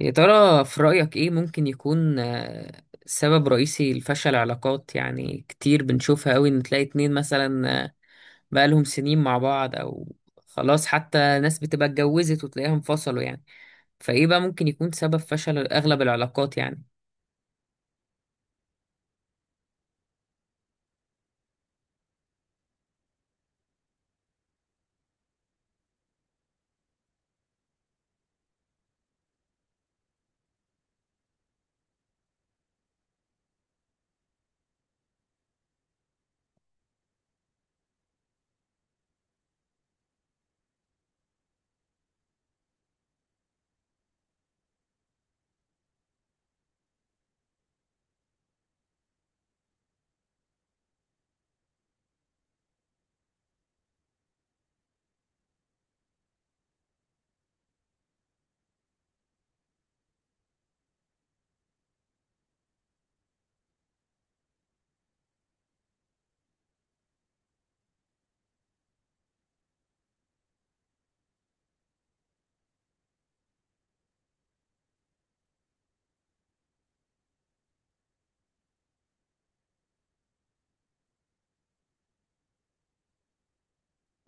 يا ترى في رأيك إيه ممكن يكون سبب رئيسي لفشل علاقات يعني كتير بنشوفها قوي إن تلاقي اتنين مثلا بقالهم سنين مع بعض أو خلاص، حتى ناس بتبقى اتجوزت وتلاقيهم انفصلوا يعني. فإيه بقى ممكن يكون سبب فشل أغلب العلاقات يعني؟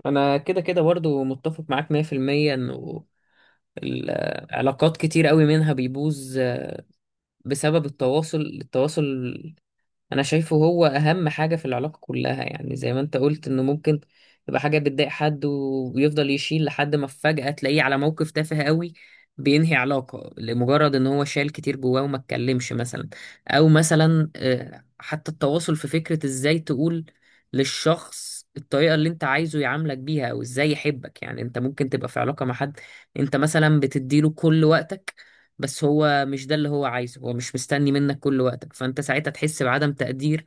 أنا كده كده برضو متفق معاك 100%. إنه العلاقات كتير قوي منها بيبوظ بسبب التواصل. انا شايفه هو اهم حاجة في العلاقة كلها، يعني زي ما انت قلت انه ممكن تبقى حاجة بتضايق حد ويفضل يشيل لحد ما فجأة تلاقيه على موقف تافه قوي بينهي علاقة لمجرد ان هو شال كتير جواه وما اتكلمش مثلا. او مثلا حتى التواصل في فكرة ازاي تقول للشخص الطريقة اللي انت عايزه يعاملك بيها، او ازاي يحبك. يعني انت ممكن تبقى في علاقة مع حد، انت مثلا بتديله كل وقتك، بس هو مش ده اللي هو عايزه، هو مش مستني منك كل وقتك، فانت ساعتها تحس بعدم تقدير.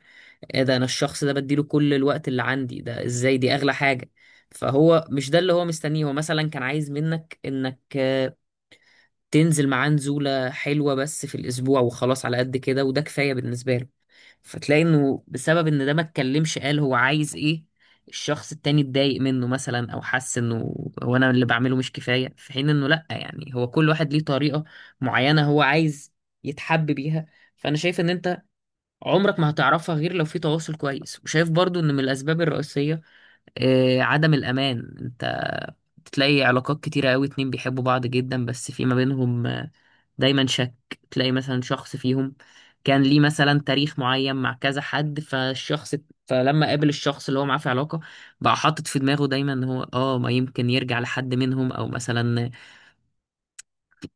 إيه ده، انا الشخص ده بديله كل الوقت اللي عندي، ده ازاي، دي اغلى حاجة. فهو مش ده اللي هو مستنيه، هو مثلا كان عايز منك انك تنزل معاه نزولة حلوة بس في الأسبوع وخلاص، على قد كده وده كفاية بالنسبة له. فتلاقي إنه بسبب إن ده ما اتكلمش قال هو عايز إيه، الشخص التاني اتضايق منه مثلا أو حس إنه هو أنا اللي بعمله مش كفاية، في حين إنه لأ، يعني هو كل واحد ليه طريقة معينة هو عايز يتحب بيها. فأنا شايف إن أنت عمرك ما هتعرفها غير لو في تواصل كويس. وشايف برضو إن من الأسباب الرئيسية عدم الأمان. أنت تلاقي علاقات كتيرة قوي اتنين بيحبوا بعض جدا بس في ما بينهم دايما شك. تلاقي مثلا شخص فيهم كان ليه مثلا تاريخ معين مع كذا حد، فالشخص فلما قابل الشخص اللي هو معاه في علاقة بقى حاطط في دماغه دايما ان هو اه ما يمكن يرجع لحد منهم، او مثلا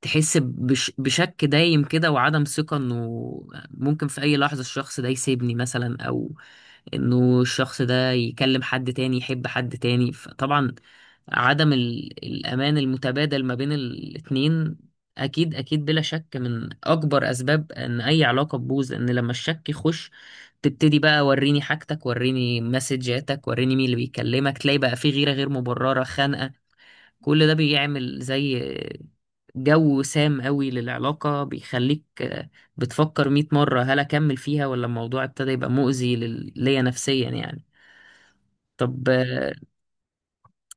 تحس بشك دايم كده وعدم ثقة انه ممكن في اي لحظة الشخص ده يسيبني مثلا، او انه الشخص ده يكلم حد تاني يحب حد تاني. فطبعا عدم الامان المتبادل ما بين الاتنين اكيد اكيد بلا شك من اكبر اسباب ان اي علاقة تبوظ، لان لما الشك يخش تبتدي بقى وريني حاجتك، وريني مسجاتك، وريني مين اللي بيكلمك، تلاقي بقى في غيرة غير مبررة، خنقة. كل ده بيعمل زي جو سام قوي للعلاقة، بيخليك بتفكر مئة مرة هل أكمل فيها ولا الموضوع ابتدى يبقى مؤذي ليا نفسيا يعني. طب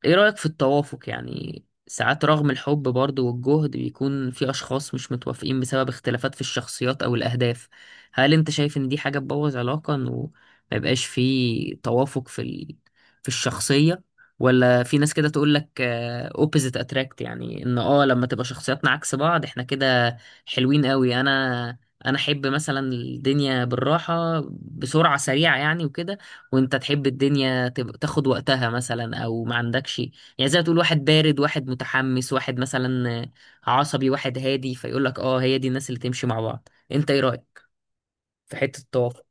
ايه رأيك في التوافق؟ يعني ساعات رغم الحب برضه والجهد بيكون في اشخاص مش متوافقين بسبب اختلافات في الشخصيات او الاهداف. هل انت شايف ان دي حاجة تبوظ علاقة، انه ما يبقاش في توافق في ال... في الشخصية؟ ولا في ناس كده تقول لك opposite attract، يعني ان اه لما تبقى شخصياتنا عكس بعض احنا كده حلوين قوي. انا احب مثلا الدنيا بالراحة بسرعة سريعة يعني وكده، وانت تحب الدنيا تاخد وقتها مثلا او ما عندكش. يعني زي ما تقول واحد بارد واحد متحمس، واحد مثلا عصبي واحد هادي، فيقول لك اه هي دي الناس اللي تمشي مع بعض. انت ايه رأيك في حتة التوافق؟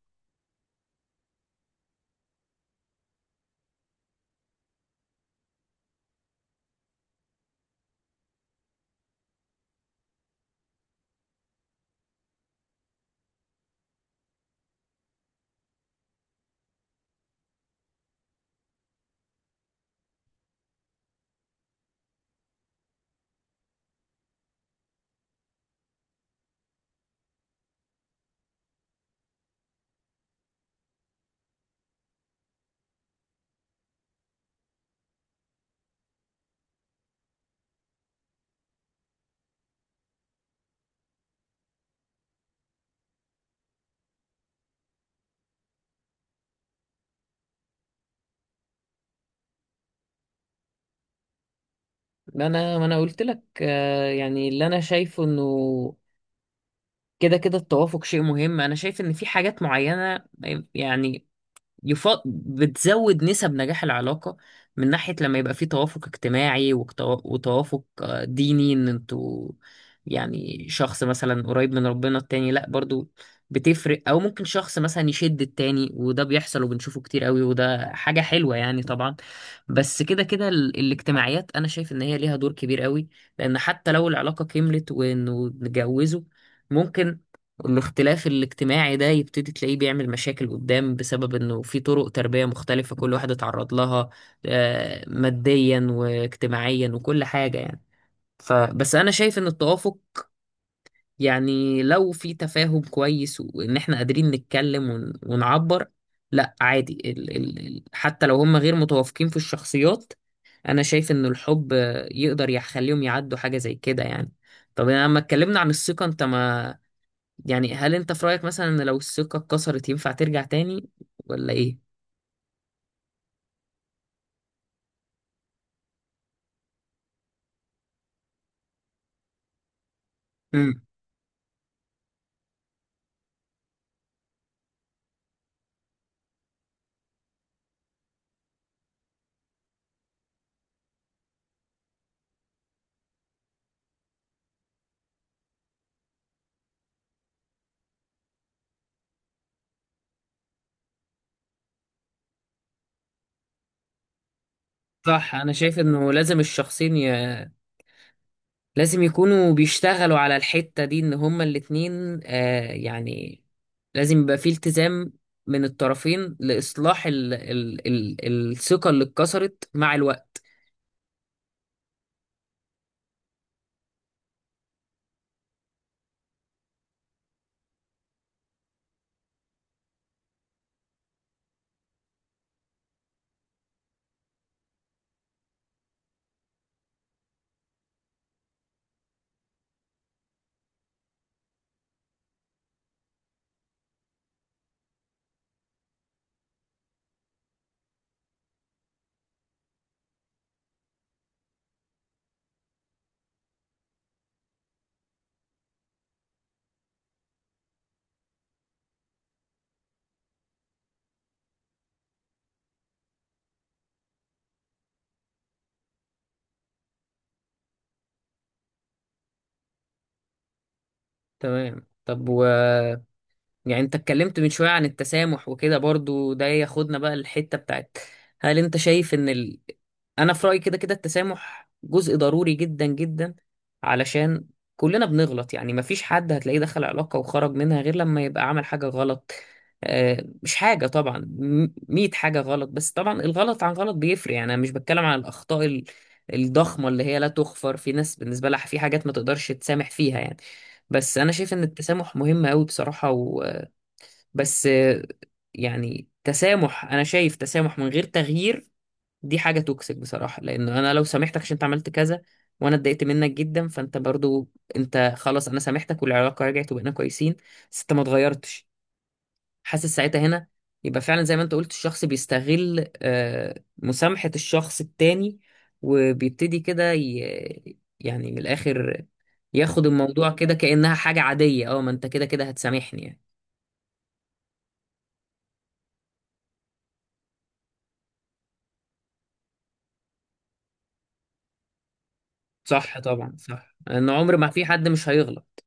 ما انا قلت لك يعني اللي انا شايفه انه كده كده التوافق شيء مهم. انا شايف ان في حاجات معينة يعني بتزود نسب نجاح العلاقة من ناحية لما يبقى في توافق اجتماعي، وتوافق ديني، ان انتوا يعني شخص مثلا قريب من ربنا التاني لا، برضو بتفرق. او ممكن شخص مثلا يشد التاني، وده بيحصل وبنشوفه كتير قوي وده حاجة حلوة يعني طبعا. بس كده كده ال... الاجتماعيات انا شايف ان هي ليها دور كبير قوي، لان حتى لو العلاقة كملت وانه نتجوزوا ممكن الاختلاف الاجتماعي ده يبتدي تلاقيه بيعمل مشاكل قدام بسبب انه في طرق تربية مختلفة كل واحد اتعرض لها، ماديا واجتماعيا وكل حاجة يعني. فبس انا شايف ان التوافق يعني لو في تفاهم كويس وان احنا قادرين نتكلم ونعبر، لا عادي ال حتى لو هم غير متوافقين في الشخصيات انا شايف ان الحب يقدر يخليهم يعدوا حاجة زي كده يعني. طب لما اتكلمنا عن الثقة، انت ما يعني هل انت في رأيك مثلا ان لو الثقة اتكسرت ينفع ترجع تاني ولا ايه؟ امم. صح، انا شايف انه لازم الشخصين ي... لازم يكونوا بيشتغلوا على الحتة دي ان هما الاتنين، يعني لازم يبقى في التزام من الطرفين لإصلاح ال... ال... ال... الثقة اللي اتكسرت مع الوقت. تمام. طب و يعني انت اتكلمت من شوية عن التسامح وكده، برضو ده ياخدنا بقى الحتة بتاعت هل انت شايف ان ال... انا في رأيي كده كده التسامح جزء ضروري جدا جدا، علشان كلنا بنغلط يعني. مفيش حد هتلاقيه دخل علاقة وخرج منها غير لما يبقى عمل حاجة غلط، مش حاجة طبعا، مية حاجة غلط. بس طبعا الغلط عن غلط بيفرق، يعني أنا مش بتكلم عن الأخطاء الضخمة اللي هي لا تغفر، في ناس بالنسبة لها في حاجات ما تقدرش تسامح فيها يعني. بس أنا شايف إن التسامح مهم أوي بصراحة. بس يعني تسامح، انا شايف تسامح من غير تغيير دي حاجة توكسيك بصراحة، لانه انا لو سامحتك عشان انت عملت كذا وانا اتضايقت منك جدا، فانت برضو، انت خلاص انا سامحتك والعلاقة رجعت وبقينا كويسين بس انت ما اتغيرتش، حاسس ساعتها هنا يبقى فعلا زي ما انت قلت الشخص بيستغل مسامحة الشخص التاني، وبيبتدي كده يعني من الاخر، ياخد الموضوع كده كأنها حاجة عادية، اه ما انت كده كده هتسامحني يعني. صح طبعا، صح، ان عمر ما في حد مش هيغلط.